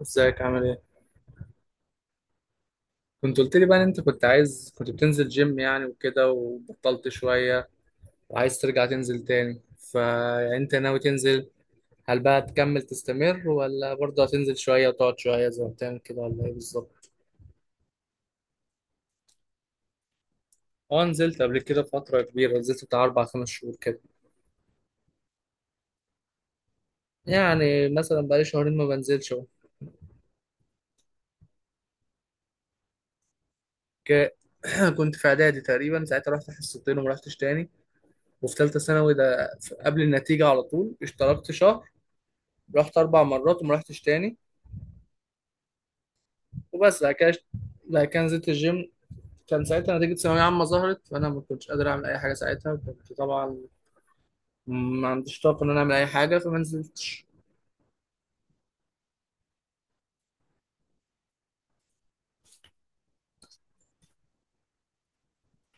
ازيك عامل ايه؟ كنت قلت لي بقى ان انت كنت بتنزل جيم يعني وكده وبطلت شوية، وعايز ترجع تنزل تاني، فانت ناوي تنزل. هل بقى تكمل تستمر ولا برضه هتنزل شوية وتقعد شوية زي ما بتعمل كده ولا ايه بالظبط؟ اه، نزلت قبل كده فترة كبيرة، نزلت بتاع أربع خمس شهور كده. يعني مثلا بقالي شهرين ما بنزلش اهو. ك- كنت في إعدادي تقريبا، ساعتها رحت حصتين وما رحتش تاني. وفي تالتة ثانوي ده قبل النتيجة على طول اشتركت شهر، رحت أربع مرات وما رحتش تاني. وبس بعد كده. بعد كده نزلت الجيم. كان ساعتها نتيجة ثانوية عامة ظهرت، فأنا ما كنتش قادر أعمل أي حاجة ساعتها، كنت طبعا ما عنديش طاقة إن أنا أعمل أي حاجة، فما نزلتش.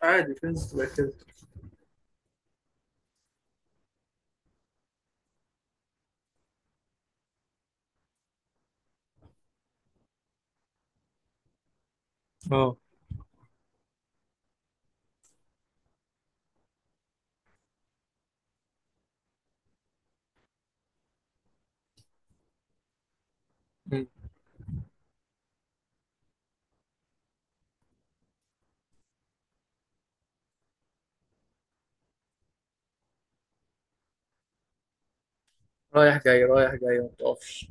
عادي نزلت بعد كده. اه. مم. رايح جاي رايح جاي ما بتقفش.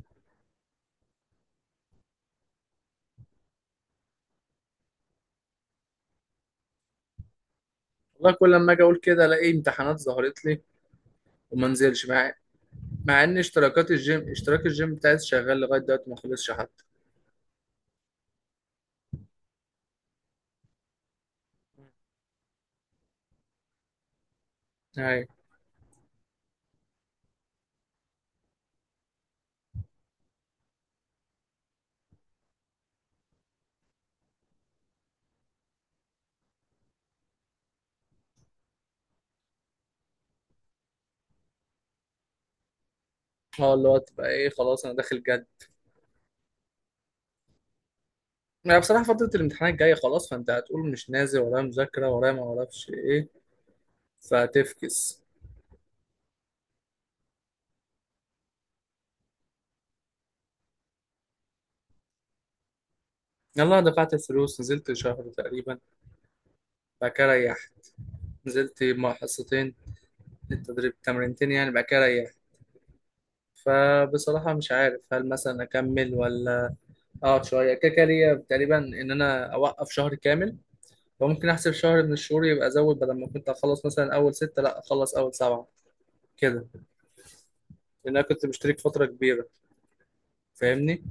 والله كل لما أجي أقول كده ألاقي امتحانات ظهرت لي وما انزلش مع، مع إن اشتراك الجيم بتاعي شغال لغاية دلوقتي ما خلصش حتى. ايوه. اه اللي هو تبقى إيه، خلاص أنا داخل جد. يعني بصراحة فترة الامتحانات جاية خلاص، فأنت هتقول مش نازل، ورايا مذاكرة ورايا ما أعرفش إيه، فتفكس. يلا دفعت الفلوس، نزلت شهر تقريبا، بعد كده ريحت. نزلت مع حصتين، التدريب تمرينتين يعني، بعد كده ريحت. فبصراحة مش عارف هل مثلا أكمل ولا أقعد شوية. كده كده ليا تقريبا إن أنا أوقف شهر كامل، فممكن أحسب شهر من الشهور يبقى أزود، بدل ما كنت أخلص مثلا أول ستة، لأ أخلص أول سبعة كده. لأن أنا كنت مشترك فترة كبيرة، فاهمني.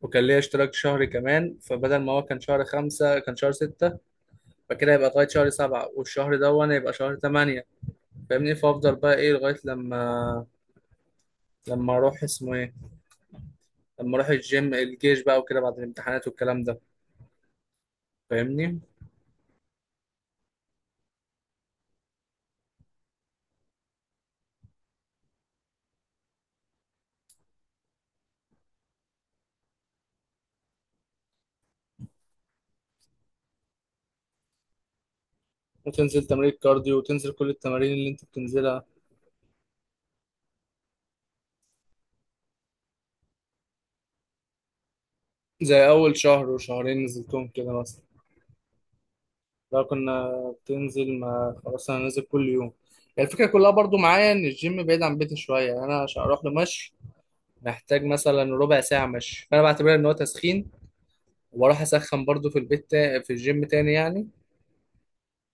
وكان ليا اشتراك شهر كمان، فبدل ما هو كان شهر خمسة كان شهر ستة، فكده يبقى لغاية شهر سبعة، والشهر ده وأنا يبقى شهر تمانية، فاهمني. فافضل بقى ايه لغايه لما، لما اروح اسمه ايه لما اروح الجيم، الجيش بقى، وكده بعد الامتحانات والكلام ده، فاهمني. وتنزل تمارين كارديو وتنزل كل التمارين اللي انت بتنزلها، زي اول شهر وشهرين نزلتهم كده مثلا. لو كنا بتنزل ما خلاص انا نازل كل يوم. يعني الفكره كلها برضو معايا ان الجيم بعيد عن بيتي شويه، يعني انا عشان اروح له مشي، محتاج مثلا ربع ساعه مشي، فانا بعتبرها ان هو تسخين، واروح اسخن برضو في البيت، في الجيم تاني يعني.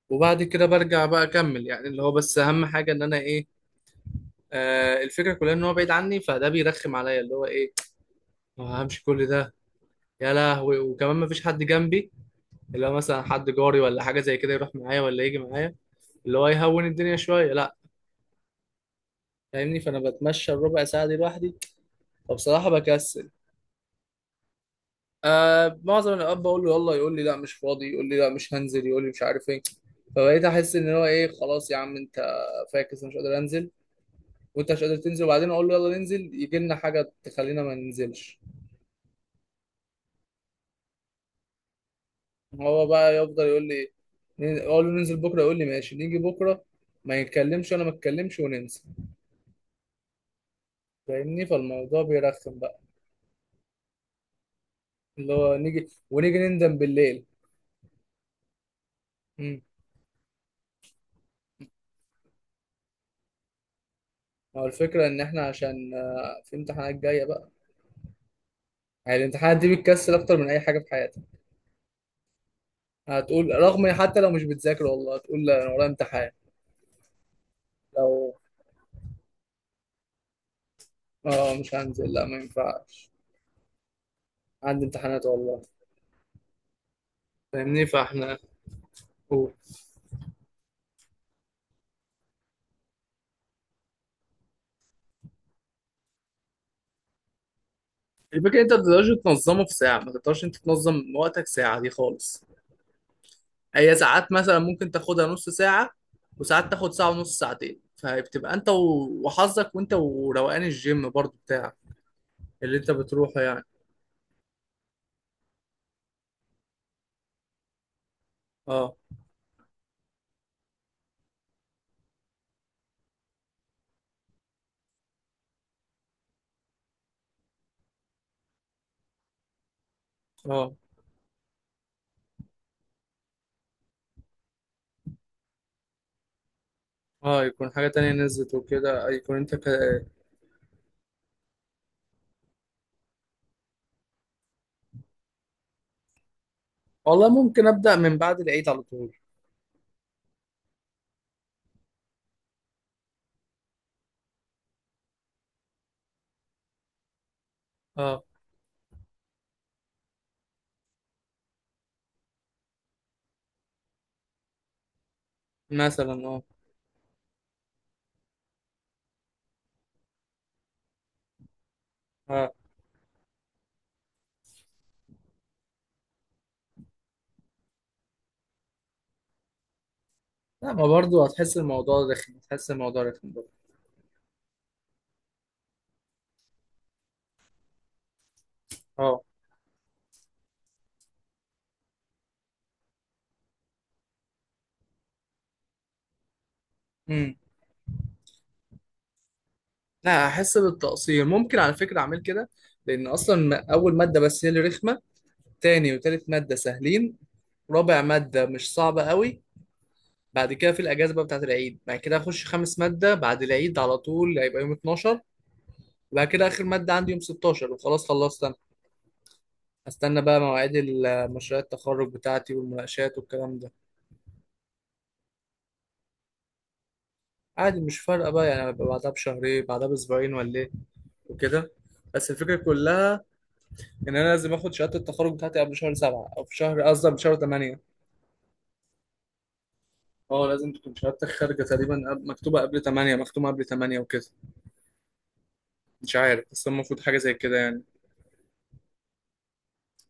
وبعد كده برجع بقى اكمل، يعني اللي هو بس اهم حاجه ان انا ايه. الفكره كلها ان هو بعيد عني، فده بيرخم عليا اللي هو ايه، همشي كل ده، يا لهوي، وكمان ما فيش حد جنبي، اللي هو مثلا حد جاري ولا حاجه زي كده يروح معايا ولا يجي معايا، اللي هو يهون الدنيا شويه، لا، فاهمني. فانا بتمشى الربع ساعه دي لوحدي، فبصراحه بكسل. معظم الاوقات بقول له يلا، يقول لي لا مش فاضي، يقول لي لا مش هنزل، يقول لي مش عارف ايه، فبقيت احس ان هو ايه، خلاص يا عم انت فاكس، أنا مش قادر انزل وانت مش قادر تنزل. وبعدين اقول له يلا ننزل، يجي لنا حاجه تخلينا ما ننزلش. هو بقى يفضل يقول لي، اقول له ننزل بكره، يقول لي ماشي نيجي بكره، ما يتكلمش وانا ما اتكلمش وننسى، فاهمني. فالموضوع بيرخم بقى، اللي هو نيجي ونيجي نندم بالليل. امم. هو الفكره ان احنا عشان في امتحانات جايه بقى، يعني الامتحانات دي بتكسل اكتر من اي حاجه في حياتك. هتقول رغم حتى لو مش بتذاكر والله هتقول لا انا ورايا امتحان. لو، اه مش هنزل لا ما ينفعش، عندي امتحانات والله، فاهمني. فاحنا الفكرة انت ما تقدرش تنظمه في ساعة، ما تقدرش انت تنظم وقتك ساعة دي خالص. هي ساعات مثلا ممكن تاخدها نص ساعة، وساعات تاخد ساعة ونص ساعتين، فبتبقى انت وحظك، وانت وروقان الجيم برضو بتاعك اللي انت بتروحه يعني. اه. اه. اه يكون حاجة تانية نزلت وكده، يكون انت والله ممكن ابدأ من بعد العيد على طول. اه. مثلا اه. اه لا ما برضو هتحس الموضوع رخم، هتحس الموضوع رخم برضو. اه لا هحس بالتقصير. ممكن على فكرة أعمل كده، لأن أصلا أول مادة بس هي اللي رخمة، تاني وتالت مادة سهلين، رابع مادة مش صعبة قوي. بعد كده في الأجازة بقى بتاعت العيد، بعد كده هخش خامس مادة بعد العيد على طول، هيبقى يوم 12. وبعد كده آخر مادة عندي يوم 16 وخلاص، خلصت أنا. هستنى بقى مواعيد مشاريع التخرج بتاعتي والمناقشات والكلام ده. عادي مش فارقة بقى، يعني هبقى بعدها بشهرين، بعدها بأسبوعين ولا إيه وكده. بس الفكرة كلها، يعني انا لازم اخد شهاده التخرج بتاعتي قبل شهر سبعة، او في شهر قصدي قبل شهر 8. اه لازم تكون شهادتك خارجه تقريبا، مكتوبه قبل 8، مختومه قبل 8 وكده. مش عارف بس هو المفروض حاجه زي كده يعني،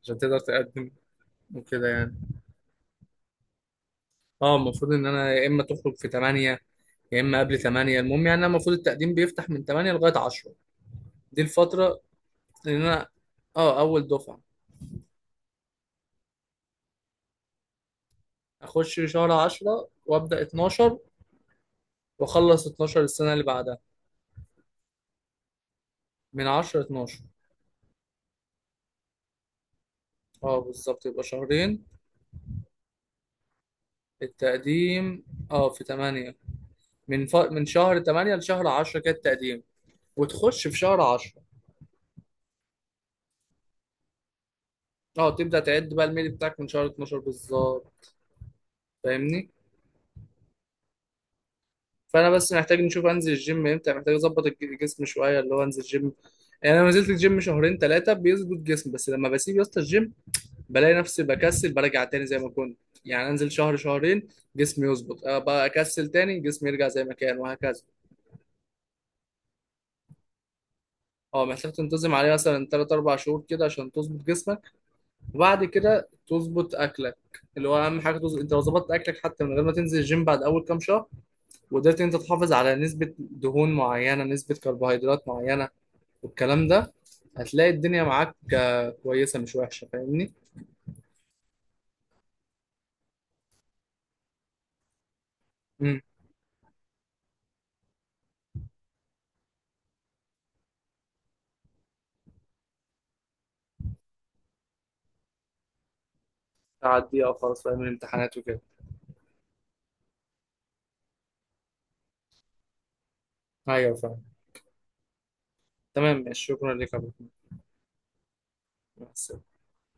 عشان تقدر تقدم وكده يعني. اه المفروض ان انا يا اما تخرج في 8، يا اما قبل 8. المهم يعني انا المفروض التقديم بيفتح من 8 لغايه 10، دي الفتره اللي انا، اه اول دفعه. اخش شهر 10 وابدا 12، واخلص 12 السنه اللي بعدها. من 10 ل 12. اه بالظبط يبقى شهرين. التقديم اه في 8، من شهر 8 لشهر 10 كده التقديم. وتخش في شهر 10. اه تبدأ تعد بقى الميل بتاعك من شهر 12 بالظبط، فاهمني. فانا بس محتاج نشوف انزل الجيم امتى، محتاج اظبط الجسم شويه، اللي هو انزل الجيم. يعني انا لما نزلت الجيم شهرين ثلاثه بيظبط جسمي، بس لما بسيب يا اسطى الجيم، بلاقي نفسي بكسل برجع تاني زي ما كنت. يعني انزل شهر شهرين جسمي يظبط، بقى اكسل تاني جسمي يرجع زي ما كان، وهكذا. اه محتاج تنتظم عليه مثلا 3 4 شهور كده عشان تظبط جسمك. وبعد كده تظبط اكلك، اللي هو اهم حاجه. تظبط انت لو ظبطت اكلك حتى من غير ما تنزل الجيم، بعد اول كام شهر. وقدرت إن انت تحافظ على نسبه دهون معينه، نسبه كربوهيدرات معينه والكلام ده، هتلاقي الدنيا معاك كويسه مش وحشه، فاهمني. امم. تعديها خلاص فاهم، الامتحانات وكده. ايوه فاهم. تمام ماشي، شكرا لك يا أبو. حميد. مع السلامه.